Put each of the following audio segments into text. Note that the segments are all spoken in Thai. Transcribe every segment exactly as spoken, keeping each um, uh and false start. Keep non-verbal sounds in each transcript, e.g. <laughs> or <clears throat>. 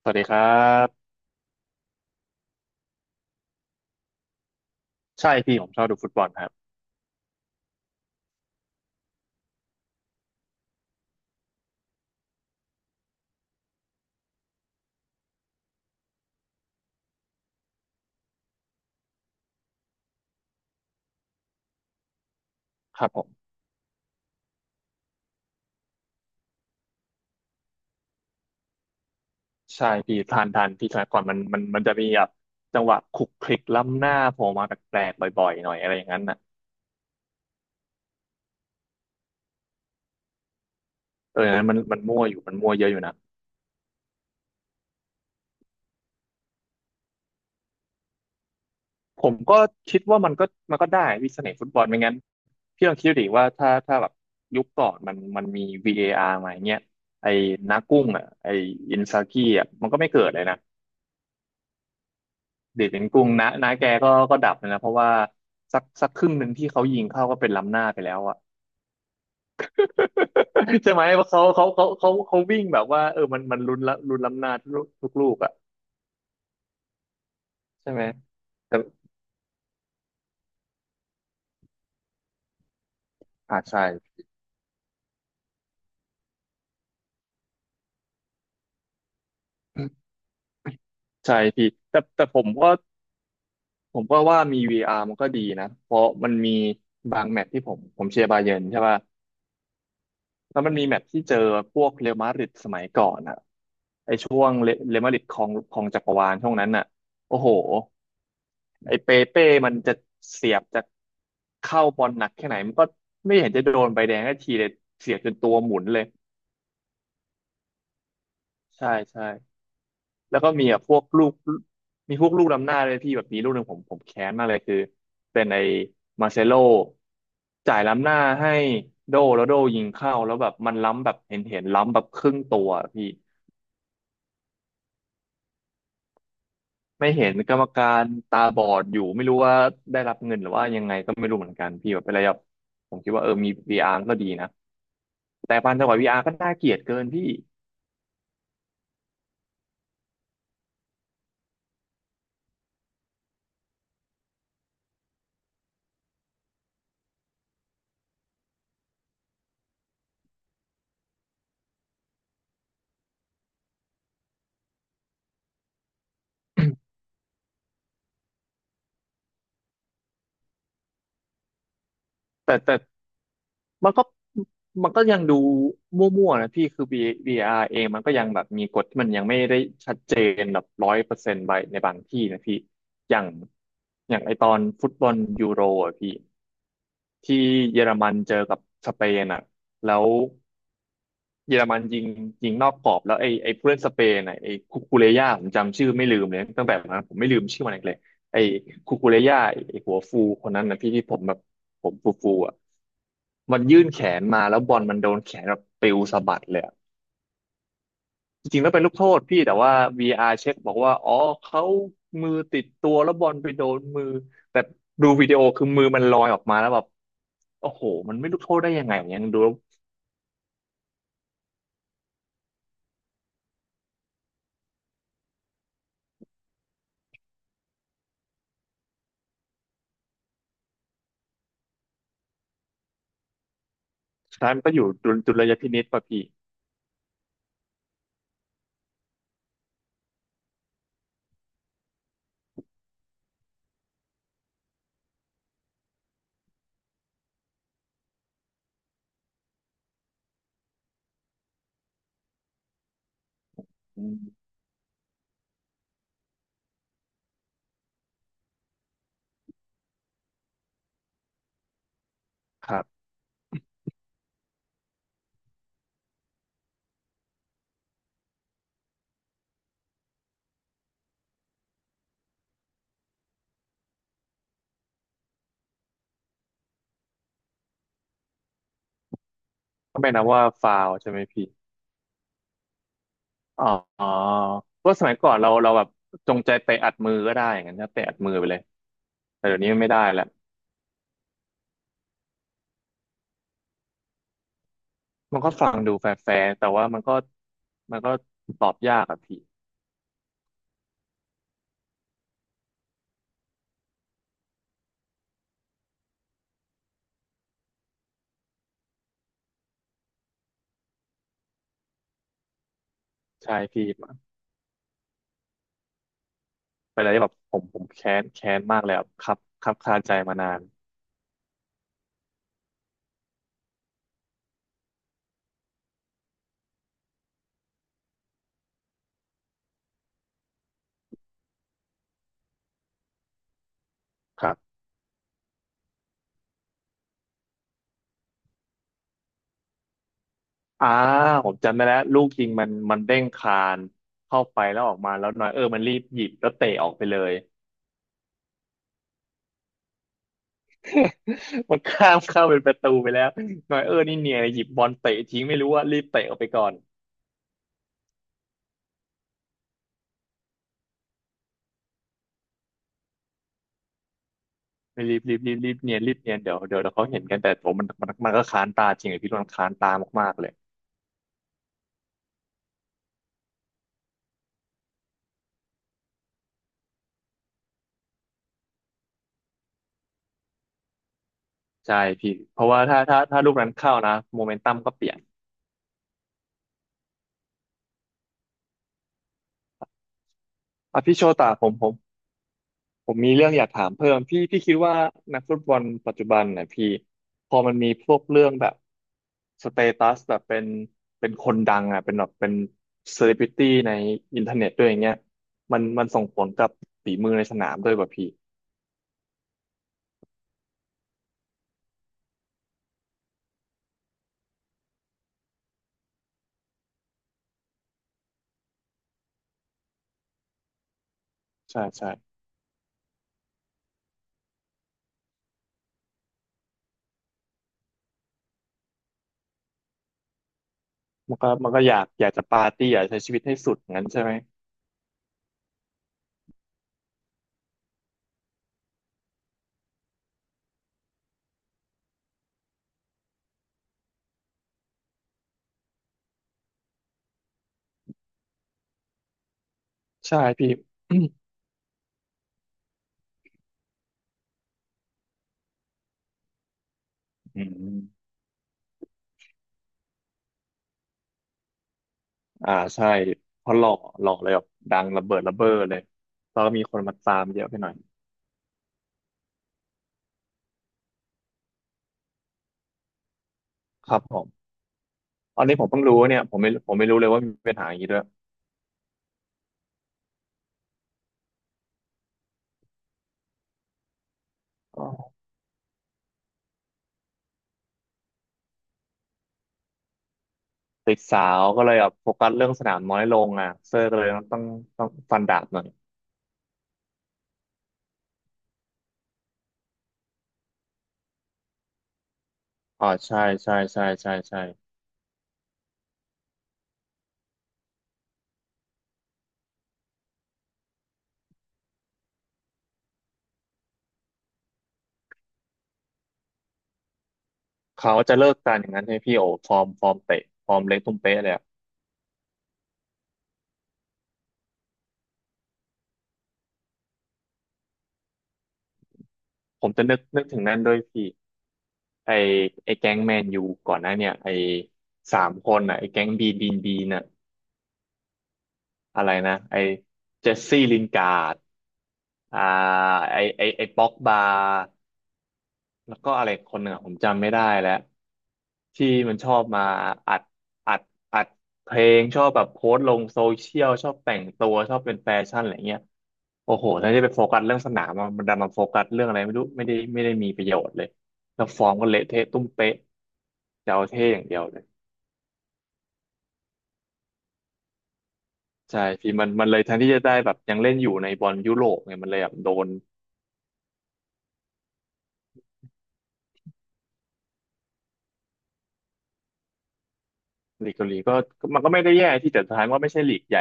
สวัสดีครับใช่พี่ผมชอบดูฟุตบอลครับครับผมใช่พี่ทานทานพี่สมัยก่อนมันมันมันจะมีแบบจังหวะคลุกคลิกล้ำหน้าโผล่มาแปลกๆบ่อยๆหน่อยอะไรอย่างนั้นน่ะเอออันนั้นมันมันมั่วอยู่มันมั่วเยอะอยู่นะผมก็คิดว่ามันก็มันก็ได้วิเสน่ห์ฟุตบอลไม่งั้นพี่ลองคิดดูดิว่าถ้าถ้าแบบยุคก่อนมันมันมี วี เอ อาร์ มาอย่างเงี้ยไอ้นากุ้งอ่ะไอ้อินซากิอ่ะมันก็ไม่เกิดเลยนะเดชเป็นกุ้งนะนาแกก็ก็ดับเลยนะเพราะว่าสักสักครึ่งหนึ่งที่เขายิงเข้าก็เป็นล้ำหน้าไปแล้วอ่ะ <laughs> ใช่ไหมเพราะเขาเขาเขาเขาเขาวิ่งแบบว่าเออมันมันลุ้นละลุ้นล้ำหน้าทุกทุกลูกอ่ะใช่ไหมแต่อ่าใช่ใช่พี่แต่แต่ผมก็ผมก็ว่ามี วี อาร์ มันก็ดีนะเพราะมันมีบางแมตช์ที่ผมผมเชียร์บาเยิร์นใช่ป่ะแล้วมันมีแมตช์ที่เจอพวกเรอัลมาดริดสมัยก่อนอ่ะไอช่วงเรเรอัลมาดริดครองครองจักรวาลช่วงนั้นอ่ะโอ้โห ไอ้เปเป้มันจะเสียบจะเข้าบอลหนักแค่ไหนมันก็ไม่เห็นจะโดนใบแดงสักทีเลยเสียบจนตัวหมุนเลยใช่ใช่แล้วก็มีแบบพวกลูกมีพวกลูกล้ำหน้าเลยพี่แบบมีลูกหนึ่งผมผมแค้นมากเลยคือเป็นไอ้มาเซโลจ่ายล้ำหน้าให้โดแล้วโดยิงเข้าแล้วแบบมันล้ำแบบเห็นเห็นล้ำแบบครึ่งตัวอะพี่ไม่เห็นกรรมการตาบอดอยู่ไม่รู้ว่าได้รับเงินหรือว่ายังไงก็ไม่รู้เหมือนกันพี่แบบเป็นอะไรแบบผมคิดว่าเออมี วี อาร์ ก็ดีนะ แต่พันธวัา วี อาร์ ก็น่าเกลียดเกินพี่แต่แต่มันก็มันก็ยังดูมั่วๆนะพี่คือ วี อาร์ เองมันก็ยังแบบมีกฎที่มันยังไม่ได้ชัดเจนแบบร้อยเปอร์เซนต์ไปในบางที่นะพี่อย่างอย่างไอตอนฟุตบอลยูโรอ่ะพี่ที่เยอรมันเจอกับสเปนอ่ะแล้ว เยอรมันยิงยิงนอกกรอบแล้วไอ้ไอ้ผู้เล่นสเปนน่ะไอ้คุคูเรย่าผมจำชื่อไม่ลืมเลยตั้งแต่วันนั้นผมไม่ลืมชื่อมันอีกเลยไอ้คุคูเรย่าไอ้หัวฟูคนนั้นนะพี่ที่ผมแบบผมฟูฟูอ่ะมันยื่นแขนมาแล้วบอลมันโดนแขนแบบปลิวสะบัดเลยอะจริงๆแล้วเป็นลูกโทษพี่แต่ว่า วี อาร์ เช็คบอกว่าอ๋อเขามือติดตัวแล้วบอลไปโดนมือแต่ดูวิดีโอคือมือมันลอยออกมาแล้วแบบโอ้โหมันไม่ลูกโทษได้ยังไงอย่างเงี้ยดูแล้วสุดท้ายมันก็อยู่ดุลดุลยพินิจป่ะพี่ ครับก็ไม่นับว่าฟาวล์ใช่ไหมพี่อ๋อเพราะสมัยก่อนเราเราแบบจงใจเตะอัดมือก็ได้อย่างนั้นนะเตะอัดมือไปเลยแต่เดี๋ยวนี้ไม่ได้แล้วมันก็ฟังดูแฟร์ๆแต่ว่ามันก็มันก็ตอบยากอะพี่ใช่พี่เป็นอะไรที่แบบผมผมแค้นแค้นมากเลยอะครับครับคาใจมานานครับอ่าผมจำได้แล้วลูกยิงมันมันเด้งคานเข้าไปแล้วออกมาแล้วน้อยเออมันรีบหยิบแล้วเตะออกไปเลย <laughs> มันข้ามเข้าเป็นประตูไปแล้วหน่อยเออ นี่เนียนหยิบบอลเตะทิ้งไม่รู้ว่ารีบเตะออกไปก่อนรีบรีบรีบรีบเนียนรีบเนียนเดี๋ยวเดี๋ยวเดี๋ยวเขาเห็นกันแต่ผมมันมันมันก็ค้านตาจริงเลยพี่มันค้านตามากๆเลยใช่พี่เพราะว่าถ้าถ้าถ้าลูกนั้นเข้านะโมเมนตัมก็เปลี่ยนอ่ะพี่โชตาผมผม ผมมีเรื่องอยากถามเพิ่มพี่พี่คิดว่านักฟุตบอลปัจจุบันเนยพี่พอมันมีพวกเรื่องแบบสเตตัสแบบเป็นเป็นคนดังอ่ะเป็นแบบเป็นเซเลบริตี้ในอินเทอร์เน็ตด้วยอย่างเงี้ยมันมันส่งผลกับฝีมือในสนามด้วยป่ะพี่ใช่ใช่มันก็มันก็อยากอยากจะปาร์ตี้อยากใช้ชีวิตให้สุดอย่างนั้นใช่ไหมใช่พี่ <clears throat> อืมอ่าใช่เพราะหล่อหล่อเลยแบบดังระเบิดระเบ้อเลยแล้วก็มีคนมาตามเยอะไปหน่อยครับผม ตอนนี้ผมเพิ่งรู้เนี่ยผมไม่ผมไม่รู้เลยว่ามีปัญหาอย่างนี้ด้วยอ๋อติดสาวก็เลยแบบโฟกัสเรื่องสนามน้อยลงอ่ะเซอร์ก็เลยต้องต้องฟันดาบหน่อยอ๋อใช่ใช่ใช่ใช่ใช่เขาจะเลิกกันอย่างนั้นใช่ไหมพี่โอ้ฟอร์มฟอร์มเตะฟอร์มเล็กตุ้มเป๊ะเลยอะผมจะนึกนึกถึงนั่นด้วยพี่ไอไอแก๊งแมนยูก่อนหน้าเนี่ยไอสามคนอ่ะไอแก๊งบีบีนบีน่ะอะไรนะไอเจสซี่ลินการ์ดอ่าไอไอไอป็อกบา แล้วก็อะไรคนหนึ่งอะผมจำไม่ได้แล้วที่มันชอบมาอัดอัดอัดเพลงชอบแบบโพสต์ลงโซเชียลชอบแต่งตัวชอบเป็นแฟชั่นอะไรเงี้ยโอ้โหแทนที่จะไปโฟกัสเรื่องสนามอะมันดันมาโฟกัสเรื่องอะไรไม่รู้ไม่ได้ไม่ได้มีประโยชน์เลยแล้วฟอร์มก็เละเทะตุ้มเป๊ะจะเอาเท่อย่างเดียวเลยใช่พี่มันมันเลยแทนที่จะได้แบบยังเล่นอยู่ในบอลยุโรปไงมันเลยแบบโดนลีกเกาหลีก็ก็มันก็ไม่ได้แย่ที่แต่สุดท้ายมันก็ไม่ใช่ลีกใหญ่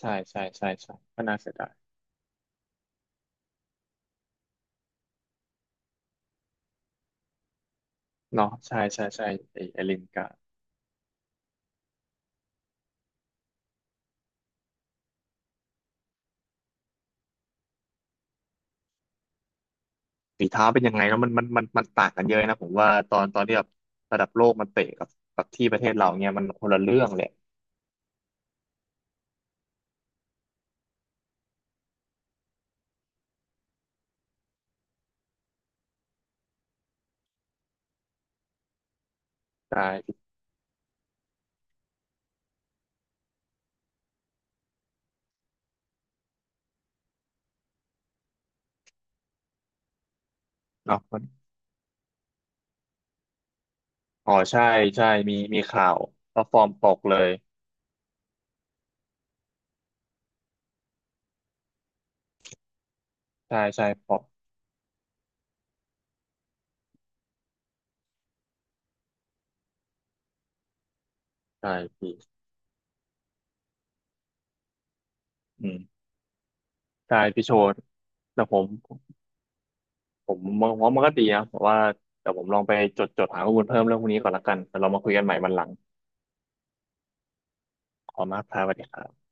ใช่ใช่ใช่ใช่ก็น่าเสียดาย เนาะใช่ใช่ใช่ไอไอลินกับฝีเท้าเป็นยังไงแล้วมันมันมันมันต่างกันเยอะนะผมว่าตอนตอนที่แบบระดับโลกมันเตะกับกับที่ประเทศเราเนี่ยมันคนละเรื่องเลยใช่เนาะมันอ๋อใช่ใช่มีมีข่าวแล้วฟอร์มตกเลยใช่ใช่พอใช่พี่อืมใช่พี่โชดแต่ผมผมมองว่ามันก็ดีนะแต่ว่าแต่ผมลองไปจดจดหาข้อมูลเพิ่มเรื่องพวกนี้ก่อนละกันแล้วเรามาคุยกันใหม่วันหลังขอบคุณมากครับสวัสดีครับ